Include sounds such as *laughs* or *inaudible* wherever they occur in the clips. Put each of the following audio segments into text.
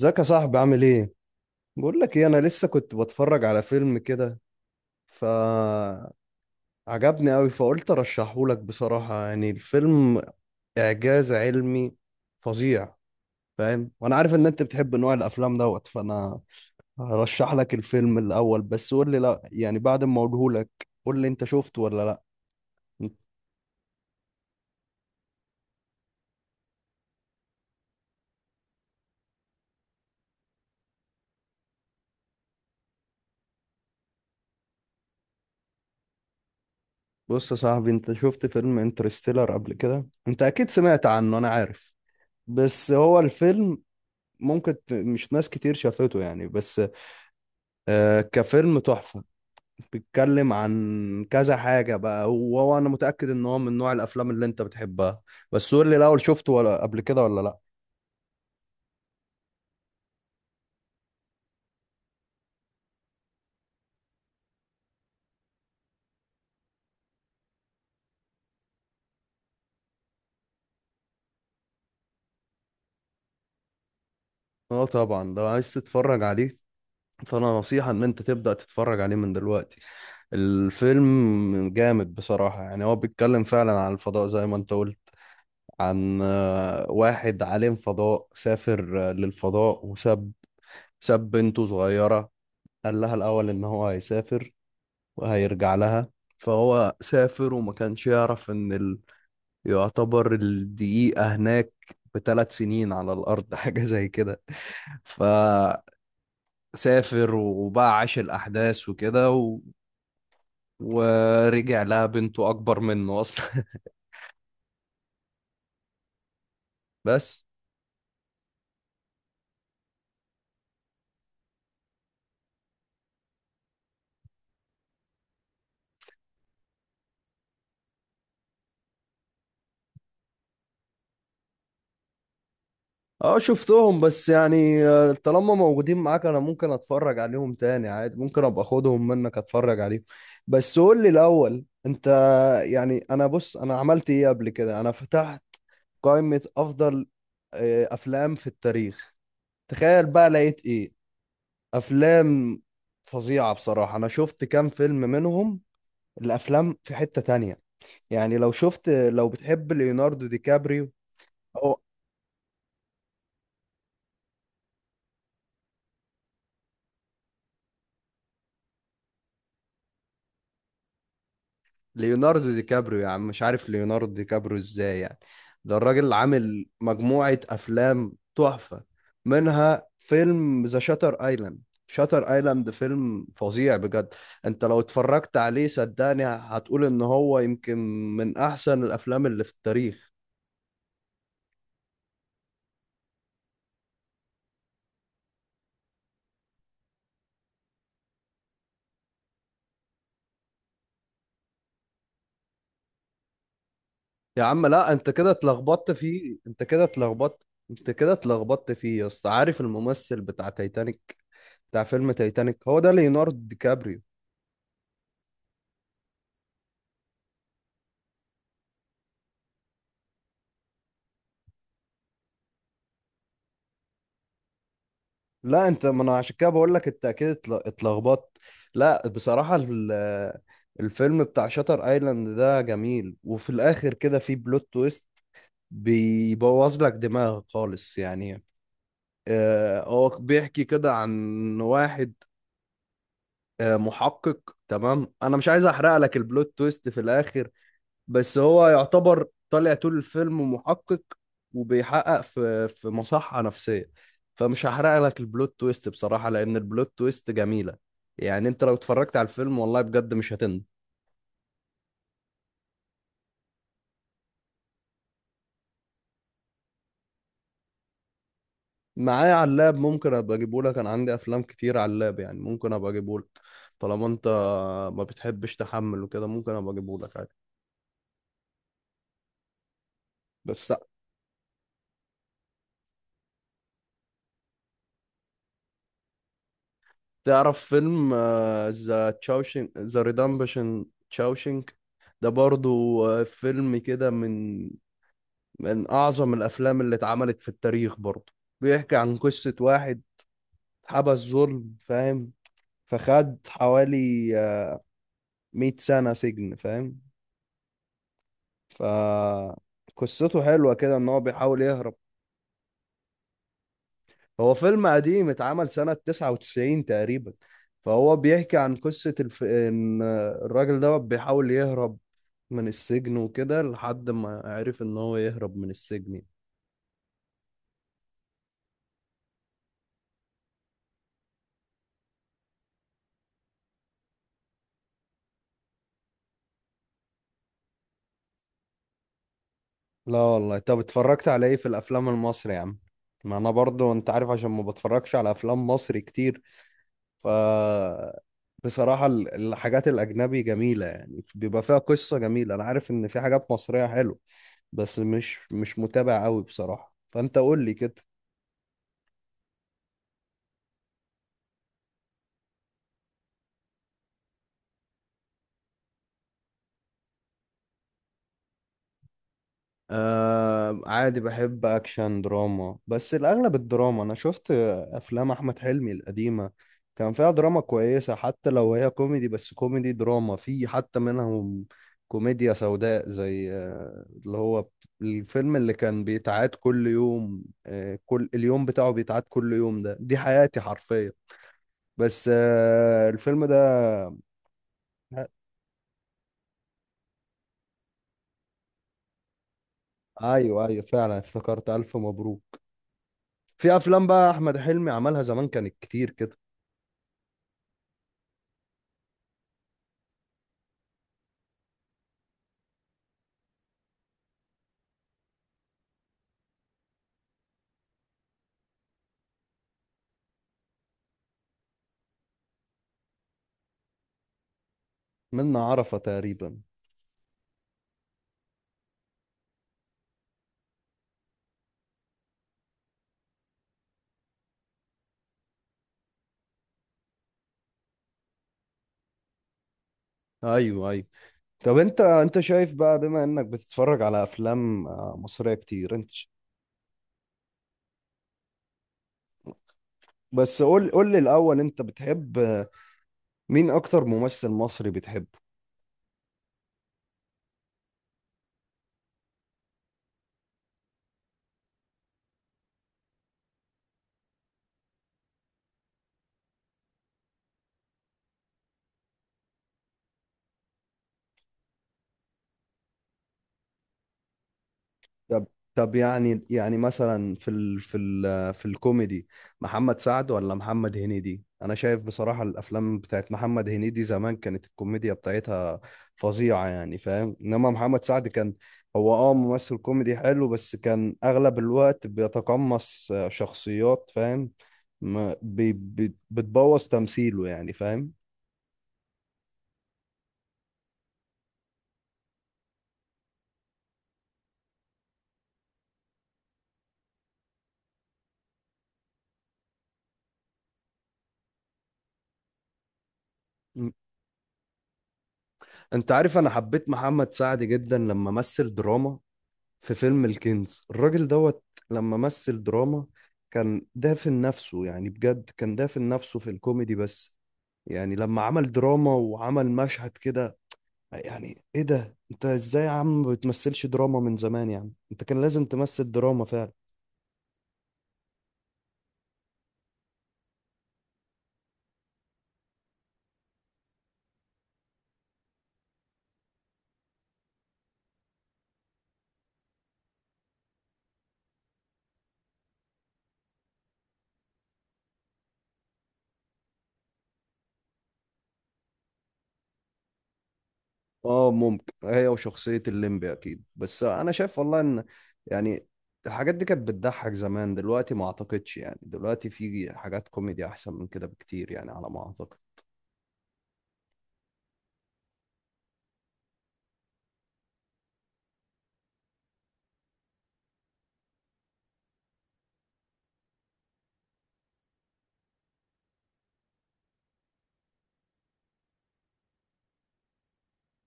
ازيك يا صاحبي؟ عامل ايه؟ بقول لك ايه، انا لسه كنت بتفرج على فيلم كده فعجبني قوي، فقلت ارشحه لك. بصراحة يعني الفيلم اعجاز علمي فظيع، فاهم. وانا عارف ان انت بتحب نوع الافلام دوت، فانا هرشح لك الفيلم. الاول بس قول لي، لا يعني بعد ما اقوله لك قول لي انت شفته ولا لا. بص يا صاحبي، انت شفت فيلم انترستيلر قبل كده؟ انت اكيد سمعت عنه، انا عارف. بس هو الفيلم ممكن مش ناس كتير شافته يعني. بس كفيلم تحفة، بيتكلم عن كذا حاجة بقى. هو وأنا متأكد إن هو من نوع الأفلام اللي أنت بتحبها. بس قول لي الأول، شفته ولا قبل كده ولا لأ؟ أه طبعا، لو عايز تتفرج عليه فأنا نصيحة إن أنت تبدأ تتفرج عليه من دلوقتي. الفيلم جامد بصراحة يعني. هو بيتكلم فعلا عن الفضاء زي ما أنت قلت، عن واحد عالم فضاء سافر للفضاء، وساب بنته صغيرة. قال لها الأول إن هو هيسافر وهيرجع لها. فهو سافر وما كانش يعرف ان ال... يعتبر الدقيقة هناك بثلاث سنين على الأرض. *laughs* حاجة زي كده. فسافر وبقى عاش الأحداث وكده و... ورجع لها بنته أكبر منه أصلا. *laughs* بس. اه شفتهم، بس يعني طالما موجودين معاك انا ممكن اتفرج عليهم تاني عادي، ممكن ابقى اخدهم منك اتفرج عليهم. بس قول لي الاول، انت يعني. انا بص، انا عملت ايه قبل كده؟ انا فتحت قائمة افضل افلام في التاريخ. تخيل بقى لقيت ايه! افلام فظيعة بصراحة. انا شفت كام فيلم منهم، الافلام في حتة تانية يعني. لو شفت، لو بتحب ليوناردو دي كابريو. هو ليوناردو دي كابريو يا عم، مش عارف ليوناردو دي كابريو ازاي يعني. ده الراجل عامل مجموعة أفلام تحفة، منها فيلم ذا شاتر ايلاند. شاتر ايلاند فيلم فظيع بجد. انت لو اتفرجت عليه صدقني هتقول ان هو يمكن من احسن الافلام اللي في التاريخ. يا عم لا، انت كده اتلخبطت فيه، انت كده اتلخبطت. انت كده اتلخبطت فيه يا اسطى. عارف الممثل بتاع تايتانيك، بتاع فيلم تايتانيك؟ هو ده ليوناردو دي كابريو. لا انت، ما انا عشان كده بقول لك انت اكيد اتلخبطت. لا بصراحة، الفيلم بتاع شاتر ايلاند ده جميل، وفي الاخر كده في بلوت تويست بيبوظ لك دماغك خالص يعني. هو بيحكي كده عن واحد محقق. تمام، انا مش عايز احرق لك البلوت تويست في الاخر، بس هو يعتبر طالع طول الفيلم محقق وبيحقق في مصحة نفسية. فمش هحرق لك البلوت تويست بصراحة، لأن البلوت تويست جميلة يعني. أنت لو اتفرجت على الفيلم، والله بجد مش هتندم. معايا على اللاب، ممكن أبقى أجيبه لك. أنا عندي أفلام كتير على اللاب يعني، ممكن أبقى أجيبه لك. طالما أنت ما بتحبش تحمل وكده، ممكن أبقى أجيبه لك عادي. بس. تعرف فيلم ذا تشاوشينج ذا ريدمبشن؟ تشاوشينج ده برضو فيلم كده، من أعظم الأفلام اللي اتعملت في التاريخ برضه. بيحكي عن قصة واحد حبس ظلم، فاهم. فخد حوالي 100 سنة سجن، فاهم. فقصته حلوة كده إن هو بيحاول يهرب. هو فيلم قديم، اتعمل سنة 99 تقريبا. فهو بيحكي عن قصة الف... إن الراجل ده بيحاول يهرب من السجن وكده لحد ما عرف إن هو يهرب من السجن. لا والله. طب اتفرجت على ايه في الافلام المصري يا عم؟ ما انا برضو انت عارف عشان ما بتفرجش على افلام مصري كتير. ف بصراحة الحاجات الاجنبي جميلة يعني، بيبقى فيها قصة جميلة. انا عارف ان في حاجات مصرية حلوة بس مش متابع قوي بصراحة. فانت قول لي كده. آه عادي، بحب اكشن دراما، بس الاغلب الدراما. انا شفت افلام احمد حلمي القديمه كان فيها دراما كويسه، حتى لو هي كوميدي. بس كوميدي دراما في، حتى منهم كوميديا سوداء، زي اللي هو الفيلم اللي كان بيتعاد كل يوم، كل اليوم بتاعه بيتعاد كل يوم ده، دي حياتي حرفيا. بس الفيلم ده. ايوه ايوه فعلا افتكرت، الف مبروك. في افلام بقى احمد حلمي عملها زمان كانت كتير كده. منا عرفة تقريبا. ايوه ايوه. طب انت شايف بقى بما انك بتتفرج على افلام مصرية كتير، انت بس قول لي الاول، انت بتحب مين اكتر ممثل مصري بتحبه؟ طب طب يعني، مثلا في الكوميدي محمد سعد ولا محمد هنيدي؟ انا شايف بصراحة الافلام بتاعت محمد هنيدي زمان كانت الكوميديا بتاعتها فظيعة يعني، فاهم. انما محمد سعد كان هو اه ممثل كوميدي حلو، بس كان اغلب الوقت بيتقمص شخصيات، فاهم. بتبوظ تمثيله يعني، فاهم. انت عارف انا حبيت محمد سعد جدا لما مثل دراما في فيلم الكنز، الراجل دوت. لما مثل دراما كان دافن نفسه يعني. بجد كان دافن نفسه في الكوميدي بس. يعني لما عمل دراما وعمل مشهد كده، يعني ايه ده، انت ازاي يا عم ما بتمثلش دراما من زمان يعني؟ انت كان لازم تمثل دراما فعلا. اه ممكن، هي وشخصية الليمبي اكيد. بس انا شايف والله ان، يعني، الحاجات دي كانت بتضحك زمان، دلوقتي ما اعتقدش يعني. دلوقتي في حاجات كوميدي احسن من كده بكتير يعني، على ما اعتقد.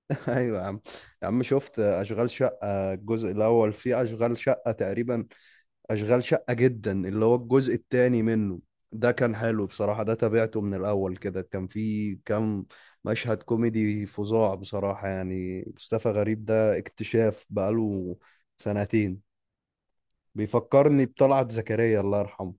*laughs* ايوه يا عم. يا عم شفت اشغال شقه الجزء الاول، في اشغال شقه تقريبا، اشغال شقه جدا اللي هو الجزء الثاني منه، ده كان حلو بصراحه. ده تابعته من الاول كده، كان في كام مشهد كوميدي فظاع بصراحه يعني. مصطفى غريب ده اكتشاف بقاله سنتين. بيفكرني بطلعت زكريا الله يرحمه.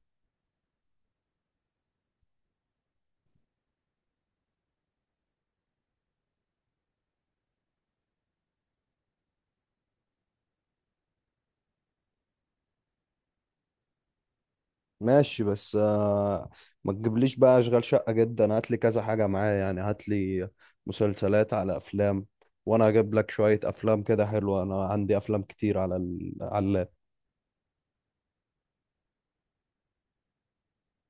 ماشي، بس ما تجيبليش بقى اشغال شقة جدا، هات لي كذا حاجة معايا يعني. هات لي مسلسلات على افلام وانا اجيب لك شوية افلام كده حلوة. انا عندي افلام كتير على ال... على اللاب.